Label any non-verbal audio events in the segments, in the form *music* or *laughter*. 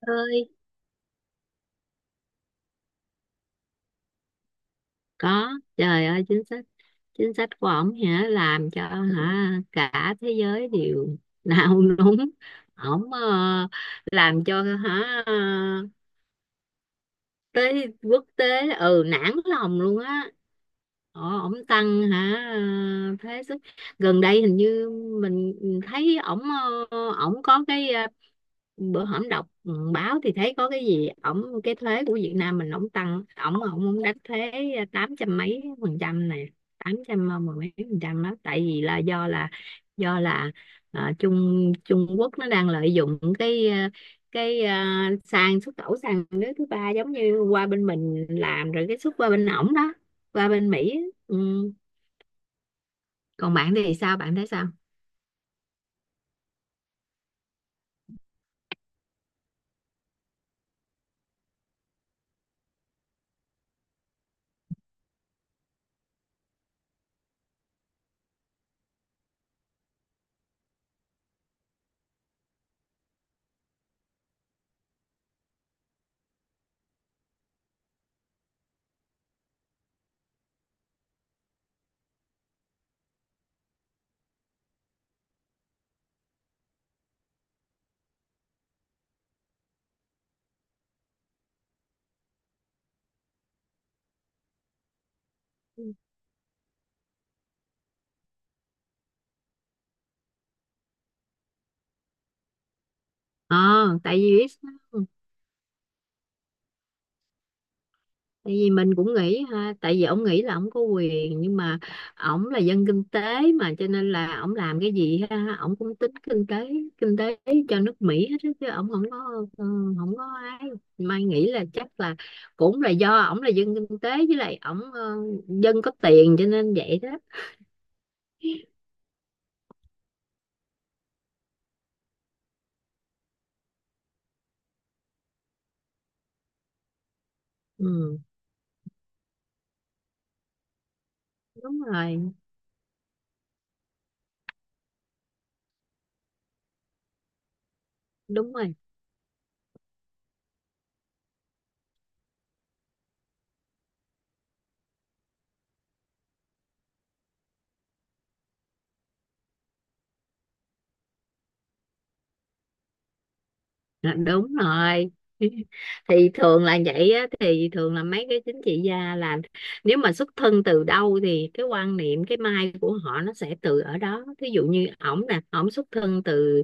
Ơi. Có. Trời ơi, chính sách của ổng hả, làm cho hả cả thế giới đều *laughs* nao núng. Ổng, làm cho hả tới quốc tế, ừ, nản lòng luôn á. Ồ, ổng tăng hả? Thuế xuất gần đây hình như mình thấy ổng, ổng có cái, bữa hổm đọc, báo thì thấy có cái gì ổng, cái thuế của Việt Nam mình ổng tăng, ổng ổng ổng đánh thuế, tám trăm mấy phần trăm này, tám trăm, mười mấy phần trăm đó, tại vì là do là, Trung Trung Quốc nó đang lợi dụng cái, cái, sàn xuất khẩu sàn nước thứ ba, giống như qua bên mình làm rồi cái xuất qua bên ổng đó, qua bên Mỹ á. Ừ. Còn bạn thì sao, bạn thấy sao? ờ Tại vì biết, tại vì mình cũng nghĩ ha, tại vì ông nghĩ là ông có quyền nhưng mà ổng là dân kinh tế, mà cho nên là ổng làm cái gì ha ổng cũng tính kinh tế, kinh tế cho nước Mỹ hết á, chứ ổng không có, ừ, không có ai. Mai nghĩ là chắc là cũng là do ổng là dân kinh tế với lại ổng, dân có tiền cho nên vậy đó. Ừ, đúng rồi, đúng rồi. À, đúng rồi. *laughs* Thì thường là vậy á, thì thường là mấy cái chính trị gia là, nếu mà xuất thân từ đâu thì cái quan niệm, cái mai của họ nó sẽ từ ở đó. Thí dụ như ổng nè, ổng xuất thân từ,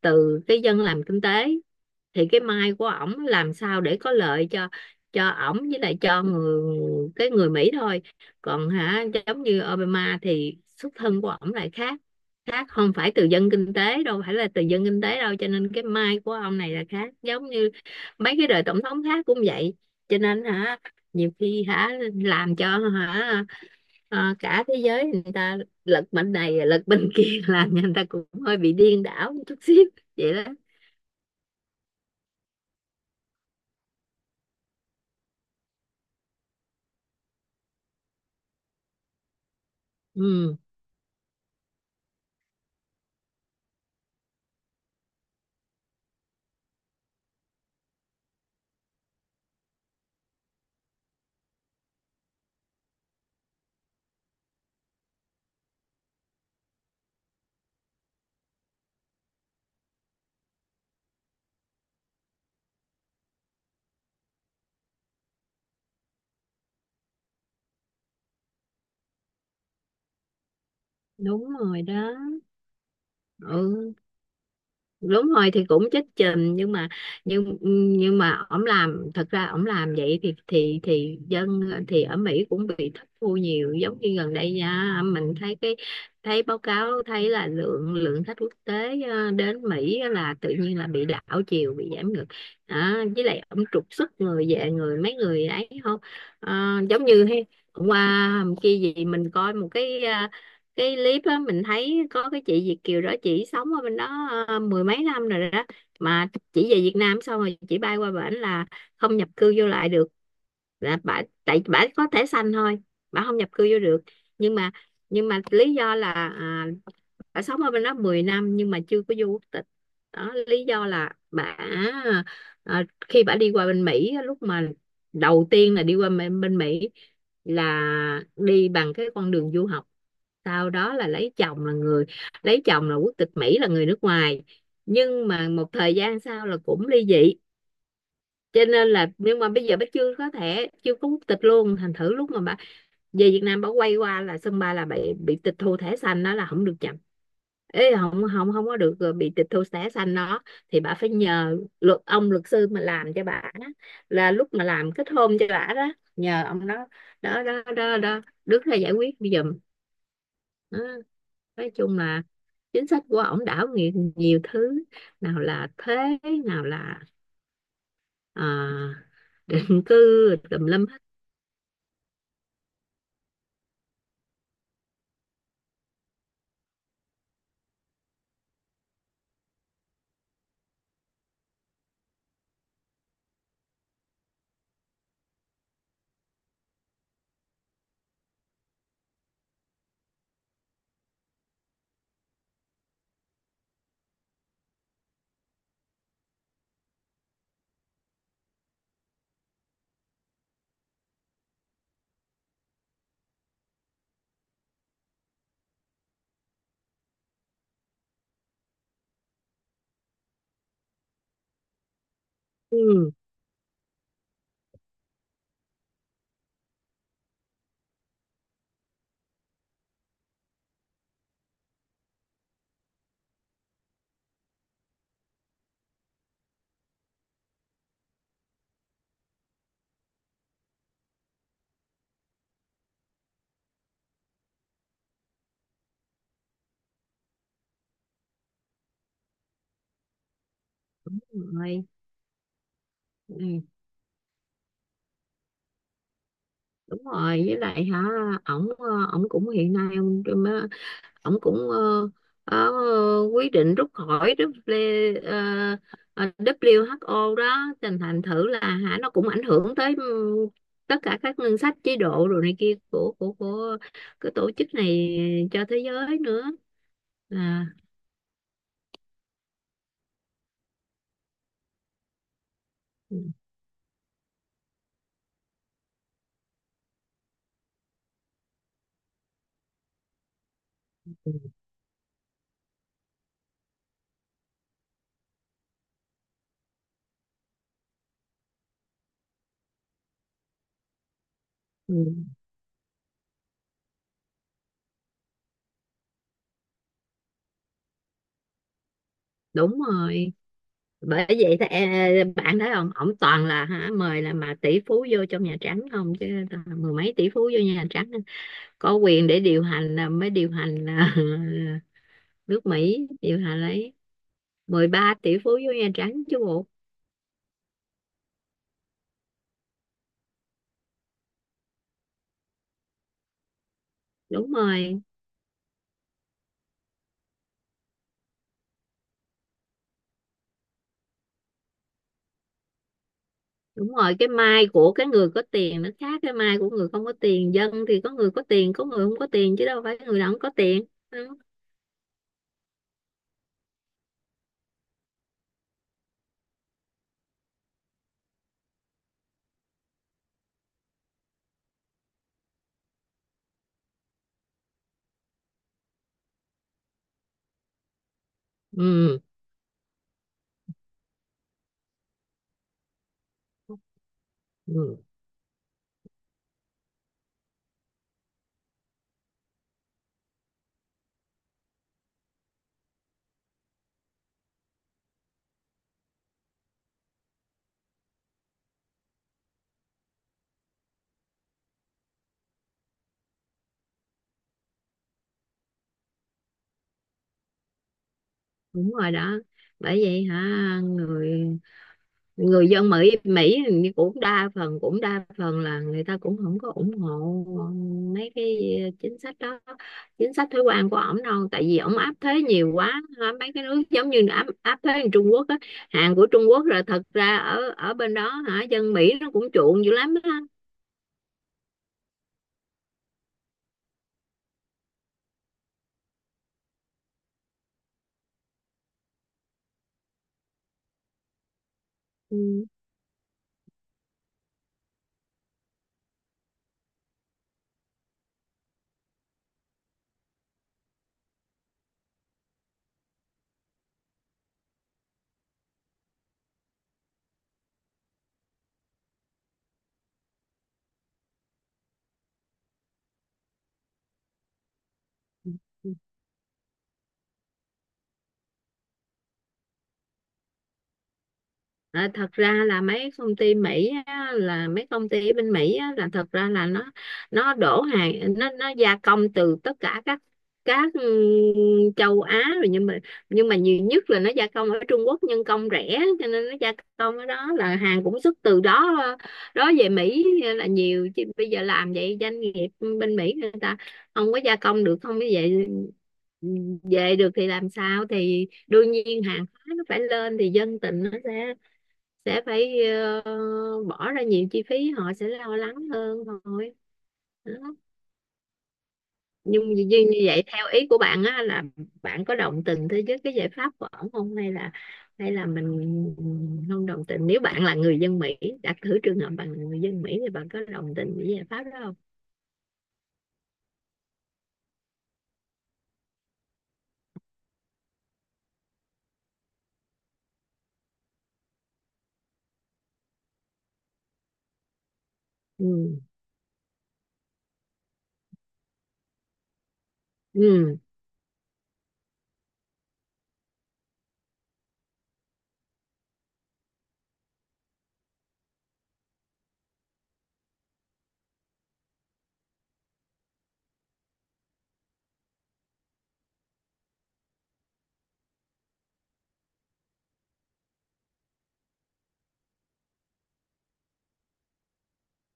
từ cái dân làm kinh tế, thì cái mai của ổng làm sao để có lợi cho ổng với lại cho người, cái người Mỹ thôi. Còn hả giống như Obama thì xuất thân của ổng lại khác, khác, không phải từ dân kinh tế đâu, phải là từ dân kinh tế đâu, cho nên cái mai của ông này là khác, giống như mấy cái đời tổng thống khác cũng vậy. Cho nên hả, nhiều khi hả làm cho hả, cả thế giới người ta lật bên này lật bên kia *laughs* làm cho người ta cũng hơi bị điên đảo một chút xíu, vậy đó. Ừ, đúng rồi đó. Ừ, đúng rồi thì cũng chết chìm nhưng mà, nhưng nhưng mà ổng làm, thật ra ổng làm vậy thì thì dân, thì ở Mỹ cũng bị thất thu nhiều, giống như gần đây nha, mình thấy cái, thấy báo cáo thấy là lượng lượng khách quốc tế, đến Mỹ là tự nhiên là bị đảo chiều, bị giảm ngược. À, với lại ổng trục xuất người về, người mấy người ấy không. Ờ, giống như hay, hôm qua hôm kia gì mình coi một cái, cái clip á, mình thấy có cái chị Việt kiều đó, chị sống ở bên đó, mười mấy năm rồi đó, mà chị về Việt Nam xong rồi chị bay qua bển là không nhập cư vô lại được, là bả, tại bả có thẻ xanh thôi, bả không nhập cư vô được. Nhưng mà, nhưng mà lý do là, à, bà sống ở bên đó 10 năm nhưng mà chưa có vô quốc tịch. Đó, lý do là bà, à, khi bà đi qua bên Mỹ á, lúc mà đầu tiên là đi qua bên, bên Mỹ là đi bằng cái con đường du học, sau đó là lấy chồng là người, lấy chồng là quốc tịch Mỹ là người nước ngoài, nhưng mà một thời gian sau là cũng ly dị, cho nên là nhưng mà bây giờ bà chưa có thẻ, chưa có quốc tịch luôn, thành thử lúc mà bà về Việt Nam, bà quay qua là sân bay là bị tịch thu thẻ xanh đó, là không được chậm. Ê, không không không có được, bị tịch thu thẻ xanh đó. Thì bà phải nhờ luật, ông luật sư mà làm cho bà đó, là lúc mà làm kết hôn cho bà đó, nhờ ông đó. Đó đó đó, đó, đứng ra giải quyết giùm đó. Nói chung là chính sách của ổng đảo nhiều, nhiều thứ, nào là thuế, nào là, à, *laughs* định cư, tùm lum hết. Ừ. Rồi. Ừ. Đúng rồi, với lại hả ổng, ổng cũng hiện nay ông, ổng cũng, ờ, quyết định rút khỏi W, WHO đó, thành thành thử là hả nó cũng ảnh hưởng tới, ừ, tất cả các ngân sách chế độ rồi này kia của, của cái tổ chức này cho thế giới nữa. À, ừ, ừ, ừ, đúng rồi. Bởi vậy thì, bạn thấy không, ổng toàn là hả mời là mà tỷ phú vô trong Nhà Trắng không, chứ toàn mười mấy tỷ phú vô Nhà Trắng có quyền để điều hành là mới điều hành là *laughs* nước Mỹ điều hành ấy. 13 tỷ phú với Nhà Trắng chứ bộ. Đúng rồi, đúng rồi, cái mai của cái người có tiền nó khác cái mai của người không có tiền, dân thì có người có tiền có người không có tiền chứ đâu phải người nào không có tiền. Ừ, ừ, đúng rồi đó. Bởi vậy hả, người, người dân Mỹ Mỹ thì cũng đa phần, cũng đa phần là người ta cũng không có ủng hộ mấy cái chính sách đó, chính sách thuế quan của ổng đâu, tại vì ổng áp thuế nhiều quá mấy cái nước, giống như áp áp thuế như Trung Quốc á, hàng của Trung Quốc, rồi thật ra ở, ở bên đó hả, dân Mỹ nó cũng chuộng dữ lắm đó. Ừ. À, thật ra là mấy công ty Mỹ á, là mấy công ty ở bên Mỹ á, là thật ra là nó đổ hàng, nó gia công từ tất cả các, châu Á rồi, nhưng mà, nhưng mà nhiều nhất là nó gia công ở Trung Quốc nhân công rẻ, cho nên nó gia công ở đó là hàng cũng xuất từ đó đó về Mỹ là nhiều. Chứ bây giờ làm vậy doanh nghiệp bên Mỹ người ta không có gia công được, không như vậy về được thì làm sao, thì đương nhiên hàng hóa nó phải lên, thì dân tình nó sẽ phải, ờ, bỏ ra nhiều chi phí, họ sẽ lo lắng hơn thôi, đó. Nhưng như, như như vậy theo ý của bạn á, là bạn có đồng tình thế với cái giải pháp của ổng không, hay là, hay là mình không đồng tình. Nếu bạn là người dân Mỹ, đặt thử trường hợp bạn là người dân Mỹ thì bạn có đồng tình với giải pháp đó không? Ừ, ừ,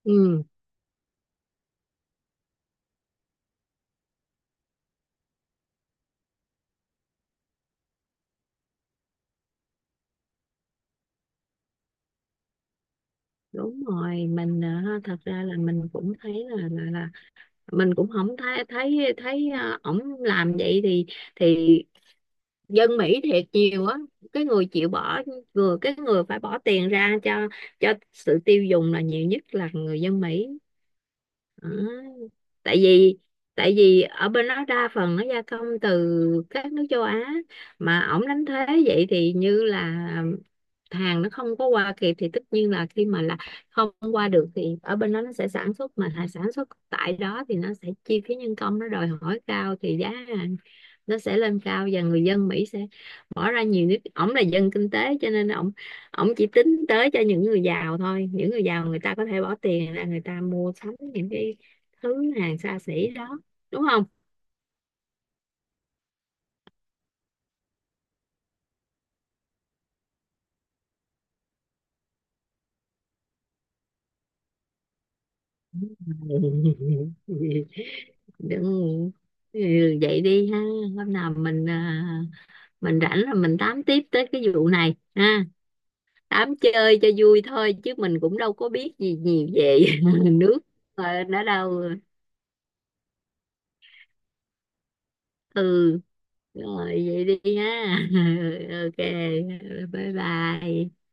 ừ, đúng rồi mình, ha, thật ra là mình cũng thấy là mình cũng không thấy thấy thấy, ổng làm vậy thì dân Mỹ thiệt nhiều á, cái người chịu bỏ, vừa cái người phải bỏ tiền ra cho sự tiêu dùng là nhiều nhất là người dân Mỹ. Đó. Tại vì, tại vì ở bên đó đa phần nó gia công từ các nước châu Á, mà ổng đánh thuế vậy thì như là hàng nó không có qua kịp, thì tất nhiên là khi mà là không qua được thì ở bên đó nó sẽ sản xuất, mà hàng sản xuất tại đó thì nó sẽ chi phí nhân công nó đòi hỏi cao thì giá hàng nó sẽ lên cao và người dân Mỹ sẽ bỏ ra nhiều, nước ổng là dân kinh tế cho nên ổng, ổng chỉ tính tới cho những người giàu thôi, những người giàu người ta có thể bỏ tiền ra người ta mua sắm những cái thứ hàng xa xỉ đó, đúng không? *laughs* Đừng, ừ, vậy đi ha. Hôm nào mình, à, mình rảnh là mình tám tiếp tới cái vụ này ha. Tám chơi cho vui thôi chứ mình cũng đâu có biết gì nhiều về *laughs* nước, nó đâu. Ừ, rồi vậy đi ha. *laughs* OK, bye bye.